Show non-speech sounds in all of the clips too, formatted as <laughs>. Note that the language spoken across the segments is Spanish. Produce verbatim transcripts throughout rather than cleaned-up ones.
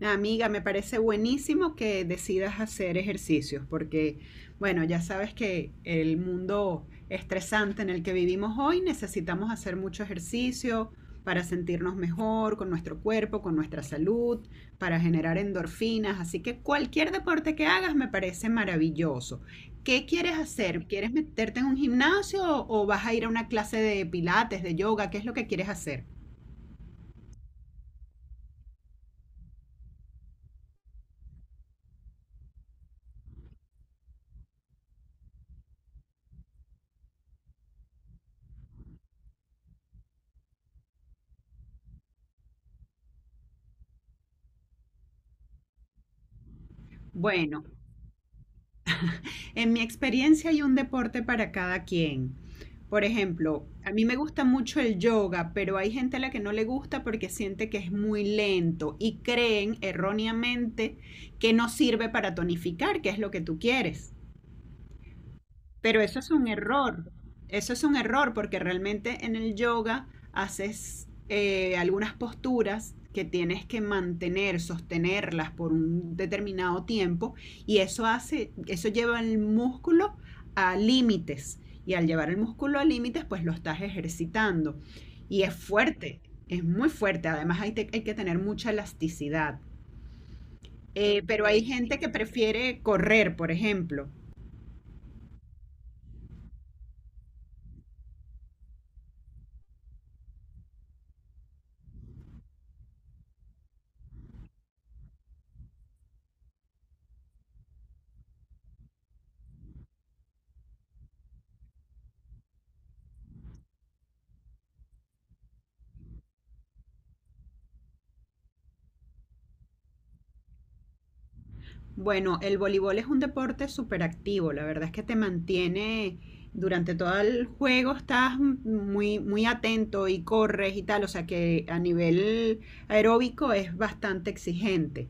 Amiga, me parece buenísimo que decidas hacer ejercicios porque, bueno, ya sabes que el mundo estresante en el que vivimos hoy necesitamos hacer mucho ejercicio para sentirnos mejor con nuestro cuerpo, con nuestra salud, para generar endorfinas. Así que cualquier deporte que hagas me parece maravilloso. ¿Qué quieres hacer? ¿Quieres meterte en un gimnasio o vas a ir a una clase de pilates, de yoga? ¿Qué es lo que quieres hacer? Bueno, en mi experiencia hay un deporte para cada quien. Por ejemplo, a mí me gusta mucho el yoga, pero hay gente a la que no le gusta porque siente que es muy lento y creen erróneamente que no sirve para tonificar, que es lo que tú quieres. Pero eso es un error. Eso es un error porque realmente en el yoga haces eh, algunas posturas que tienes que mantener, sostenerlas por un determinado tiempo y eso hace, eso lleva el músculo a límites y al llevar el músculo a límites pues lo estás ejercitando y es fuerte, es muy fuerte, además hay, te- hay que tener mucha elasticidad. Eh, pero hay gente que prefiere correr, por ejemplo. Bueno, el voleibol es un deporte súper activo, la verdad es que te mantiene durante todo el juego, estás muy, muy atento y corres y tal, o sea que a nivel aeróbico es bastante exigente,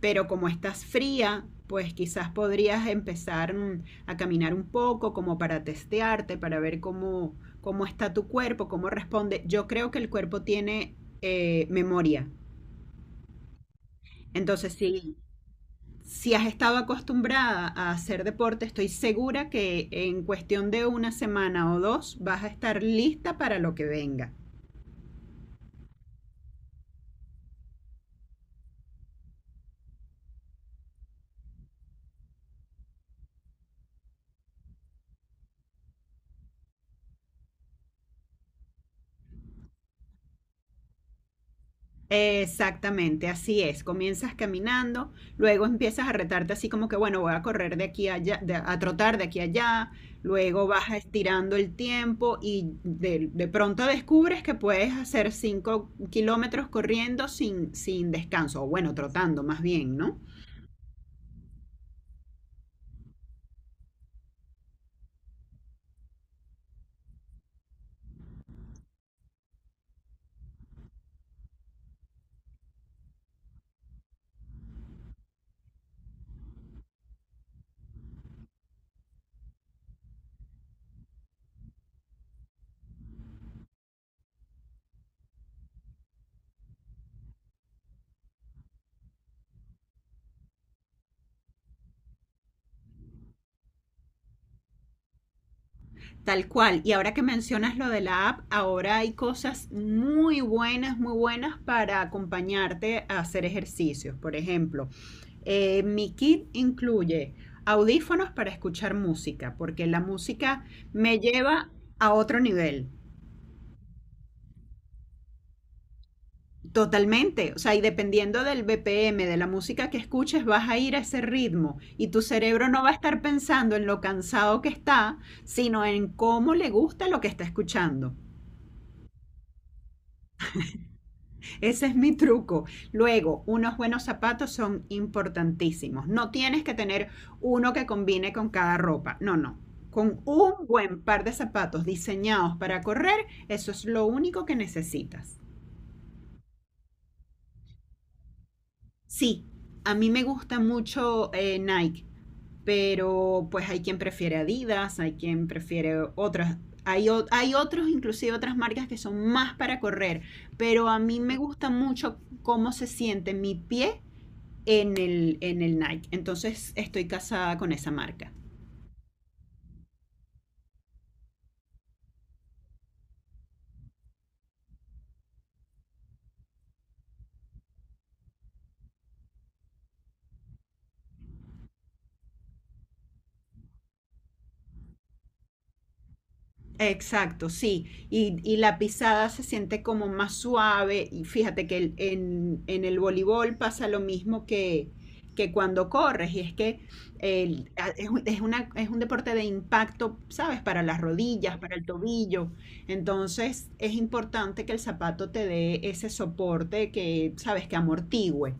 pero como estás fría, pues quizás podrías empezar mm, a caminar un poco como para testearte, para ver cómo, cómo está tu cuerpo, cómo responde. Yo creo que el cuerpo tiene eh, memoria, entonces sí, si has estado acostumbrada a hacer deporte, estoy segura que en cuestión de una semana o dos vas a estar lista para lo que venga. Exactamente, así es. Comienzas caminando, luego empiezas a retarte así como que, bueno, voy a correr de aquí a allá, de- a trotar de aquí a allá, luego vas estirando el tiempo y de, de pronto descubres que puedes hacer cinco kilómetros corriendo sin, sin descanso, o bueno, trotando más bien, ¿no? Tal cual. Y ahora que mencionas lo de la app, ahora hay cosas muy buenas, muy buenas para acompañarte a hacer ejercicios. Por ejemplo, eh, mi kit incluye audífonos para escuchar música, porque la música me lleva a otro nivel. Totalmente, o sea, y dependiendo del B P M, de la música que escuches, vas a ir a ese ritmo y tu cerebro no va a estar pensando en lo cansado que está, sino en cómo le gusta lo que está escuchando. Ese es mi truco. Luego, unos buenos zapatos son importantísimos. No tienes que tener uno que combine con cada ropa. No, no. Con un buen par de zapatos diseñados para correr, eso es lo único que necesitas. Sí, a mí me gusta mucho eh, Nike, pero pues hay quien prefiere Adidas, hay quien prefiere otras. Hay, o- hay otros, inclusive otras marcas que son más para correr, pero a mí me gusta mucho cómo se siente mi pie en el, en el Nike. Entonces estoy casada con esa marca. Exacto, sí. Y, y la pisada se siente como más suave. Y fíjate que el- en, en el voleibol pasa lo mismo que, que cuando corres. Y es que el- a- es, un- es una, es un deporte de impacto, ¿sabes? Para las rodillas, para el tobillo. Entonces es importante que el zapato te dé ese soporte que, ¿sabes? Que amortigüe.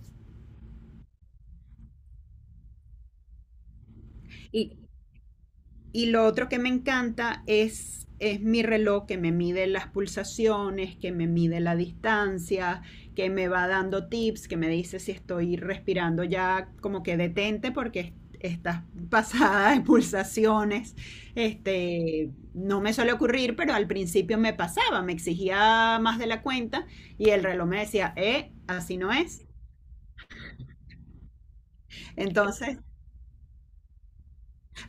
Y lo otro que me encanta es, es mi reloj que me mide las pulsaciones, que me mide la distancia, que me va dando tips, que me dice si estoy respirando ya como que detente porque estás pasada de pulsaciones. Este, no me suele ocurrir, pero al principio me pasaba, me exigía más de la cuenta y el reloj me decía, eh, así no es. Entonces,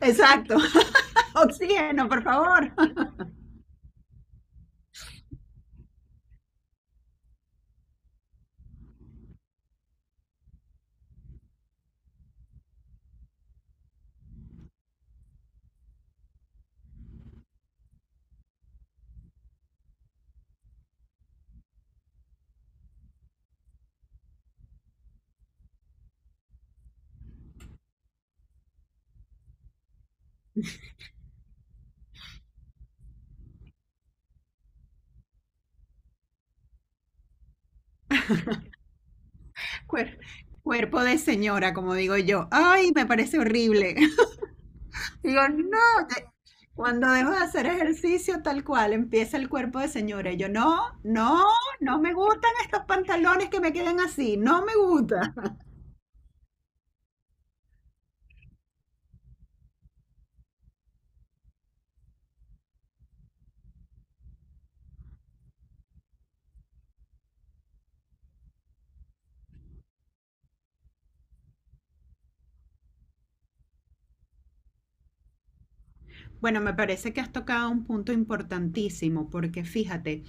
exacto, <laughs> oxígeno, por favor. Cuer- cuerpo de señora, como digo yo. Ay, me parece horrible. <laughs> Digo, no, te- cuando dejo de hacer ejercicio tal cual, empieza el cuerpo de señora. Y yo, no, no, no me gustan estos pantalones que me quedan así, no me gusta. <laughs> Bueno, me parece que has tocado un punto importantísimo, porque fíjate,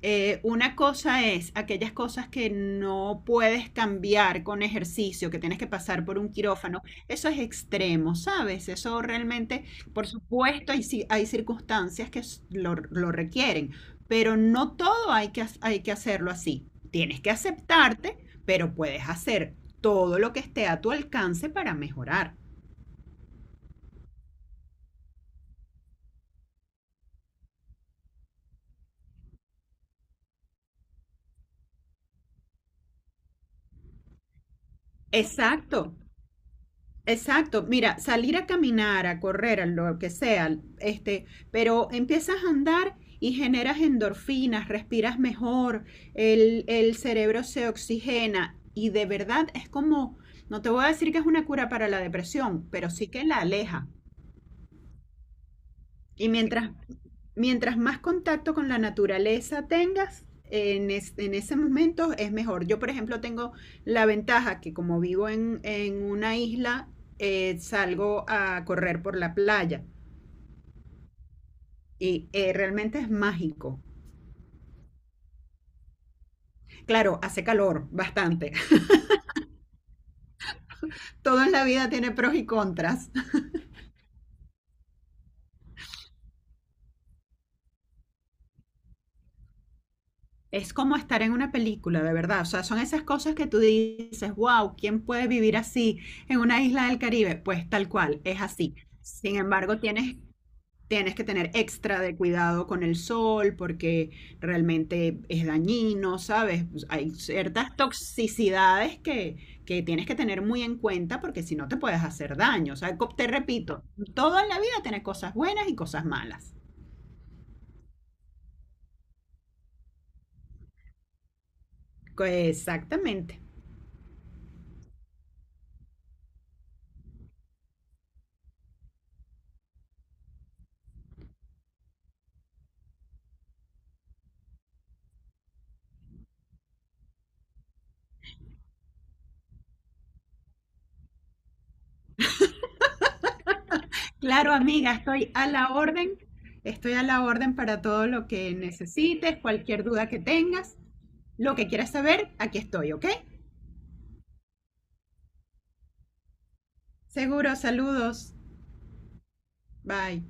Eh, una cosa es aquellas cosas que no puedes cambiar con ejercicio, que tienes que pasar por un quirófano. Eso es extremo, ¿sabes? Eso realmente, por supuesto, hay, ci- hay circunstancias que s- lo, lo requieren, pero no todo hay que, ha- hay que hacerlo así. Tienes que aceptarte, pero puedes hacer todo lo que esté a tu alcance para mejorar. Exacto. Exacto, mira, salir a caminar, a correr, a lo que sea, este, pero empiezas a andar y generas endorfinas, respiras mejor, el, el cerebro se oxigena y de verdad es como, no te voy a decir que es una cura para la depresión, pero sí que la aleja. Y mientras mientras más contacto con la naturaleza tengas, en, es- en ese momento es mejor. Yo, por ejemplo, tengo la ventaja que como vivo en, en una isla, eh, salgo a correr por la playa y eh, realmente es mágico. Claro, hace calor bastante. <laughs> Todo en la vida tiene pros y contras. Es como estar en una película, de verdad. O sea, son esas cosas que tú dices, wow, ¿quién puede vivir así en una isla del Caribe? Pues tal cual, es así. Sin embargo, tienes tienes que tener extra de cuidado con el sol porque realmente es dañino, ¿sabes? Pues hay ciertas toxicidades que, que tienes que tener muy en cuenta porque si no te puedes hacer daño. O sea, co- te repito, todo en la vida tiene cosas buenas y cosas malas. Co- Exactamente. Claro, amiga, estoy a la orden. Estoy a la orden para todo lo que necesites, cualquier duda que tengas, lo que quieras saber, aquí estoy, ¿ok? Seguro, saludos. Bye.